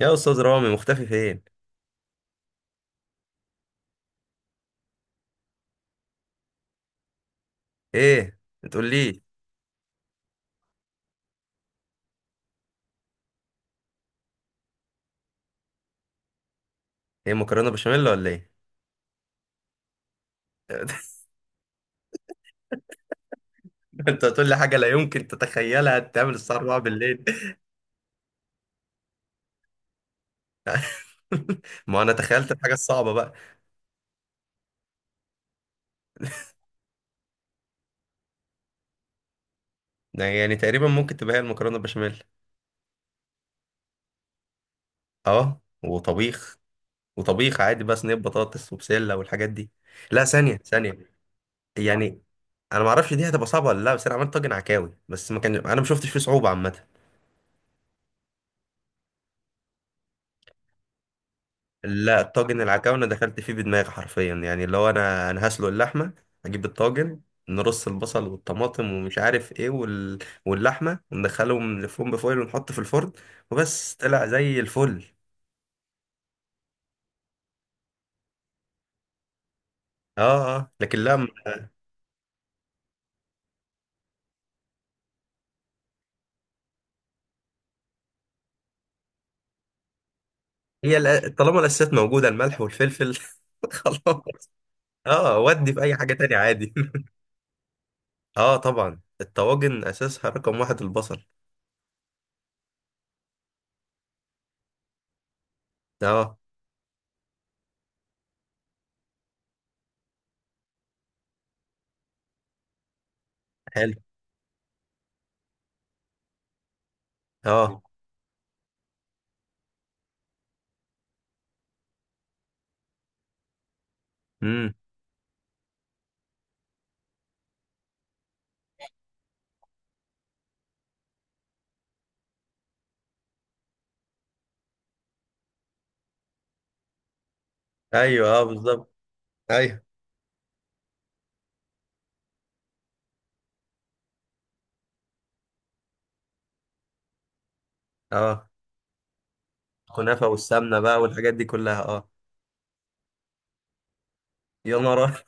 يا استاذ رامي، مختفي فين؟ ايه بتقول لي؟ ايه، مكرونه بشاميل ولا ايه؟ انت هتقول لي حاجه لا يمكن تتخيلها تعمل الساعه 4 بالليل؟ ما انا تخيلت الحاجه الصعبه بقى. ده يعني تقريبا ممكن تبقى هي المكرونه بشاميل. اه، وطبيخ. وطبيخ عادي بقى، صينيه بطاطس وبسله والحاجات دي. لا، ثانيه ثانيه. يعني، انا ما اعرفش دي هتبقى صعبه ولا لا، بس انا عملت طاجن عكاوي، بس ما كان انا ما شفتش فيه صعوبه عامه. لا، طاجن العكاوي انا دخلت فيه بدماغي حرفيا، يعني اللي هو انا هسلق اللحمه، اجيب الطاجن، نرص البصل والطماطم ومش عارف ايه واللحمه، وندخلهم نلفهم بفويل ونحط في الفرن، وبس طلع زي الفل. اه، اه، لكن لا. طالما الاساسات موجوده الملح والفلفل خلاص. اه، ودي في اي حاجه تانية عادي. اه طبعا، الطواجن اساسها رقم واحد البصل. اه، حلو. اه. امم. ايوه، اه، بالظبط. ايوه، اه. الكنافه والسمنه بقى والحاجات دي كلها، اه. يا نهار!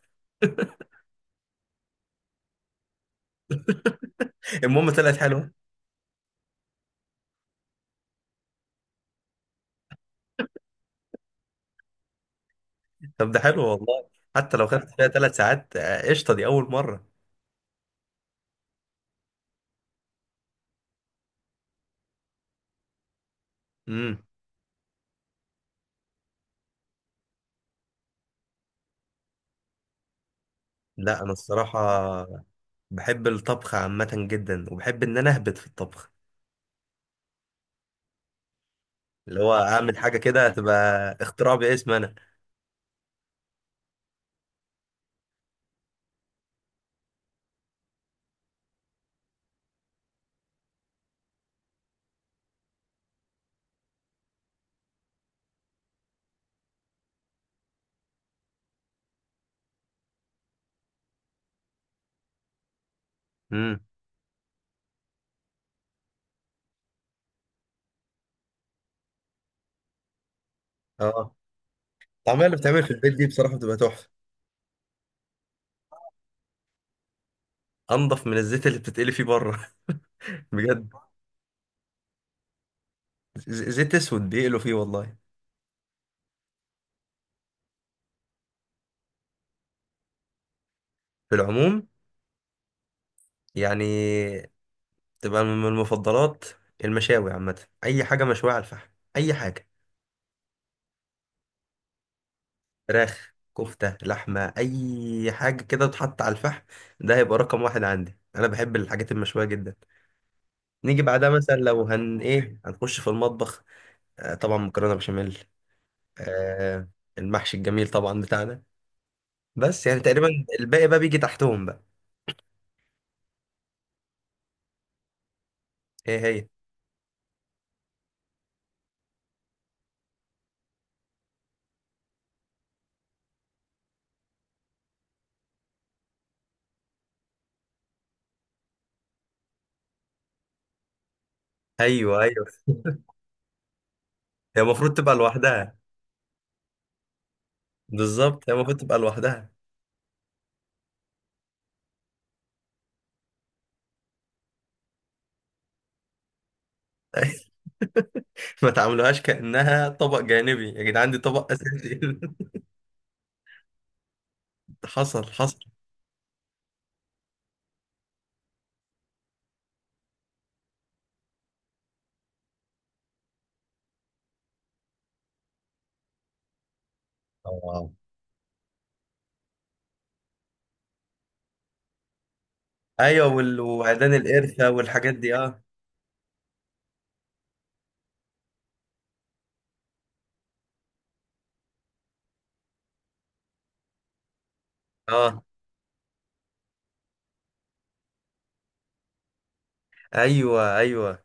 المهم طلعت حلوه. طب ده حلو والله. حتى لو خدت فيها 3 ساعات، آه، قشطه دي اول مره. امم. لا انا الصراحه بحب الطبخ عامه جدا، وبحب ان انا اهبط في الطبخ. اللي هو اعمل حاجه كده تبقى اختراع باسم انا. امم. اه. الطعميه اللي بتعمل في البيت دي بصراحه بتبقى تحفه. انضف من الزيت اللي بتتقلي فيه بره. بجد. زيت اسود بيقلوا فيه والله. في العموم، يعني، تبقى من المفضلات. المشاوي عامة، أي حاجة مشوية على الفحم. أي حاجة. فراخ، كفتة، لحمة، أي حاجة كده تتحط على الفحم. ده هيبقى رقم واحد عندي، أنا بحب الحاجات المشوية جدا. نيجي بعدها مثلا لو هن إيه هنخش في المطبخ. آه طبعا، مكرونة بشاميل. آه. المحشي الجميل طبعا بتاعنا. بس يعني تقريبا الباقي بقى بيجي تحتهم بقى. إيه هي؟ أيوه، أيوه. هي المفروض تبقى لوحدها. بالظبط، هي المفروض تبقى لوحدها. ما تعاملوهاش كأنها طبق جانبي يا جدعان، دي طبق أساسي! حصل، حصل. اه، أيوه، وعيدان القرفة والحاجات دي، أه. أه. أيوه، أيوه.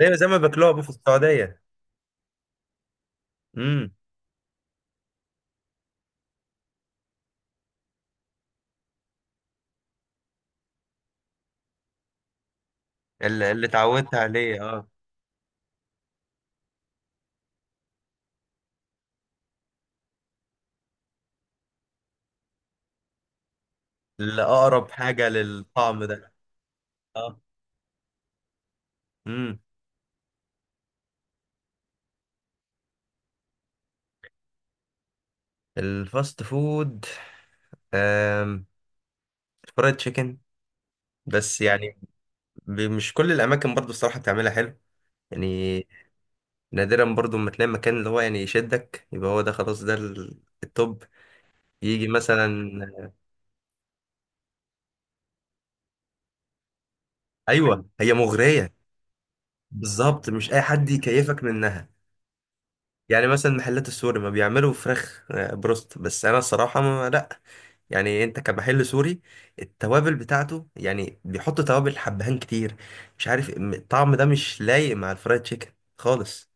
أيوه، زي ما بياكلوها بقى في السعودية. امم. اللي اتعودت عليه، أه. اللي أقرب حاجة للطعم ده. أه. امم. الفاست فود. آم، فرايد تشيكن. بس يعني، مش كل الأماكن برضو الصراحة بتعملها حلو. يعني. نادرا برضو ما تلاقي مكان اللي هو يعني يشدك، يبقى هو ده خلاص، ده التوب. يجي مثلا. ايوه، هي مغريه. بالظبط، مش اي حد يكيفك منها. يعني مثلا محلات السوري ما بيعملوا فراخ بروست، بس انا الصراحه ما لا. يعني انت كمحل سوري، التوابل بتاعته يعني بيحط توابل حبهان كتير. مش عارف، الطعم ده مش لايق مع الفرايد تشيكن خالص.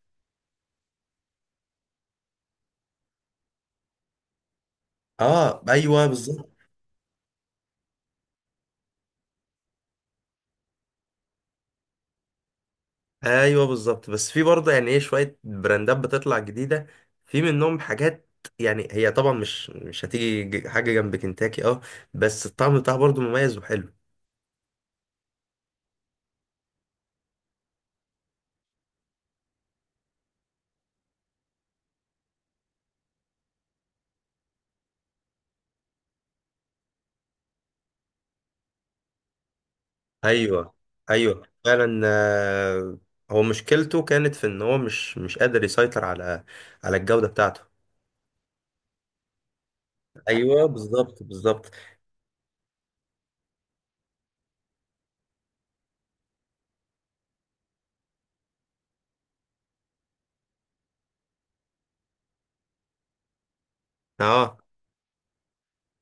اه، ايوه، بالظبط، ايوه، بالظبط. بس في برضه يعني ايه شويه براندات بتطلع جديده. في منهم حاجات. يعني هي طبعا مش هتيجي حاجه جنب كنتاكي، اه. بس الطعم بتاعها برضه مميز وحلو. ايوه، ايوه، فعلا، آه، هو مشكلته كانت في ان هو مش قادر يسيطر على الجوده بتاعته. ايوه، بالظبط، بالظبط. اه.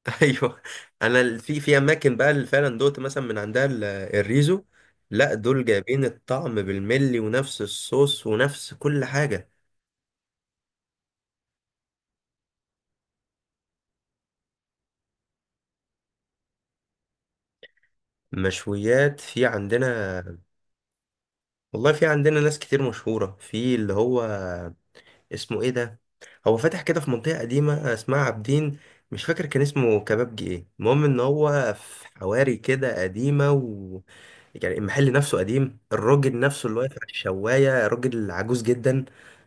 ايوه. انا في اماكن بقى اللي فعلا دوت مثلا من عندها الريزو. لا، دول جايبين الطعم بالملي، ونفس الصوص ونفس كل حاجه. مشويات في عندنا. والله في عندنا ناس كتير مشهوره في، اللي هو اسمه ايه ده. هو فاتح كده في منطقة قديمة اسمها عابدين. مش فاكر كان اسمه كبابجي ايه، المهم ان هو في حواري كده قديمة يعني المحل نفسه قديم، الراجل نفسه اللي واقف على الشواية راجل عجوز جدا.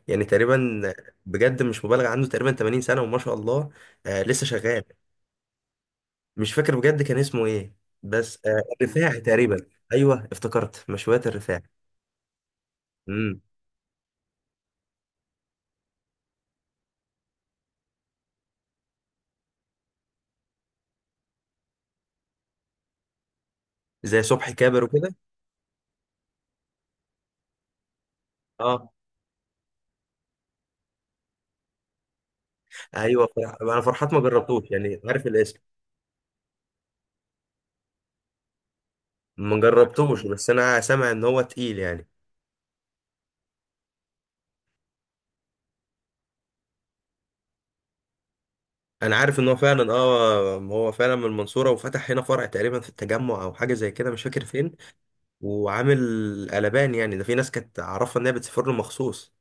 يعني تقريبا، بجد مش مبالغ، عنده تقريبا 80 سنة وما شاء الله. آه، لسه شغال. مش فاكر بجد كان اسمه ايه، بس آه، الرفاعي تقريبا. ايوه، افتكرت مشويات الرفاعي. امم. زي صبحي كابر وكده. اه، ايوه، انا فرحات ما جربتوش، يعني عارف الاسم. ما جربتوش بس انا سامع ان هو تقيل يعني. انا عارف ان هو فعلا، اه، هو فعلا من المنصوره وفتح هنا فرع تقريبا في التجمع او حاجه زي كده، مش فاكر فين. وعامل قلبان، يعني ده في ناس كانت عارفه ان هي بتسافر له مخصوص.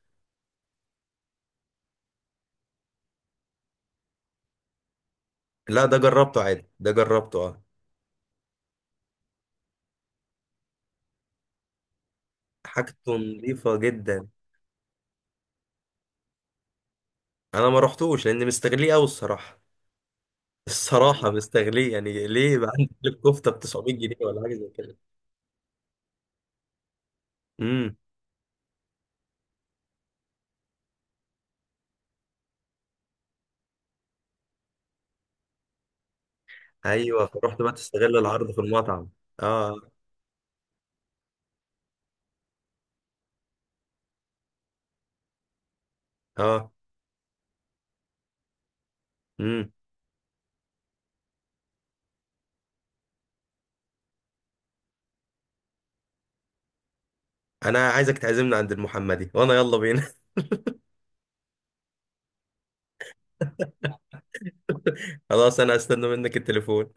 لا ده جربته عادي، ده جربته، اه. حاجته نظيفه جدا. انا ما رحتوش لان مستغليه قوي الصراحه. الصراحه مستغليه، يعني ليه بقى عندك الكفته ب 900 جنيه ولا حاجه زي كده؟ امم. ايوه، فرحت بقى تستغل العرض في المطعم. اه. اه. امم. انا عايزك تعزمنا عند المحمدي وانا يلا بينا. خلاص، انا هستنى منك التليفون.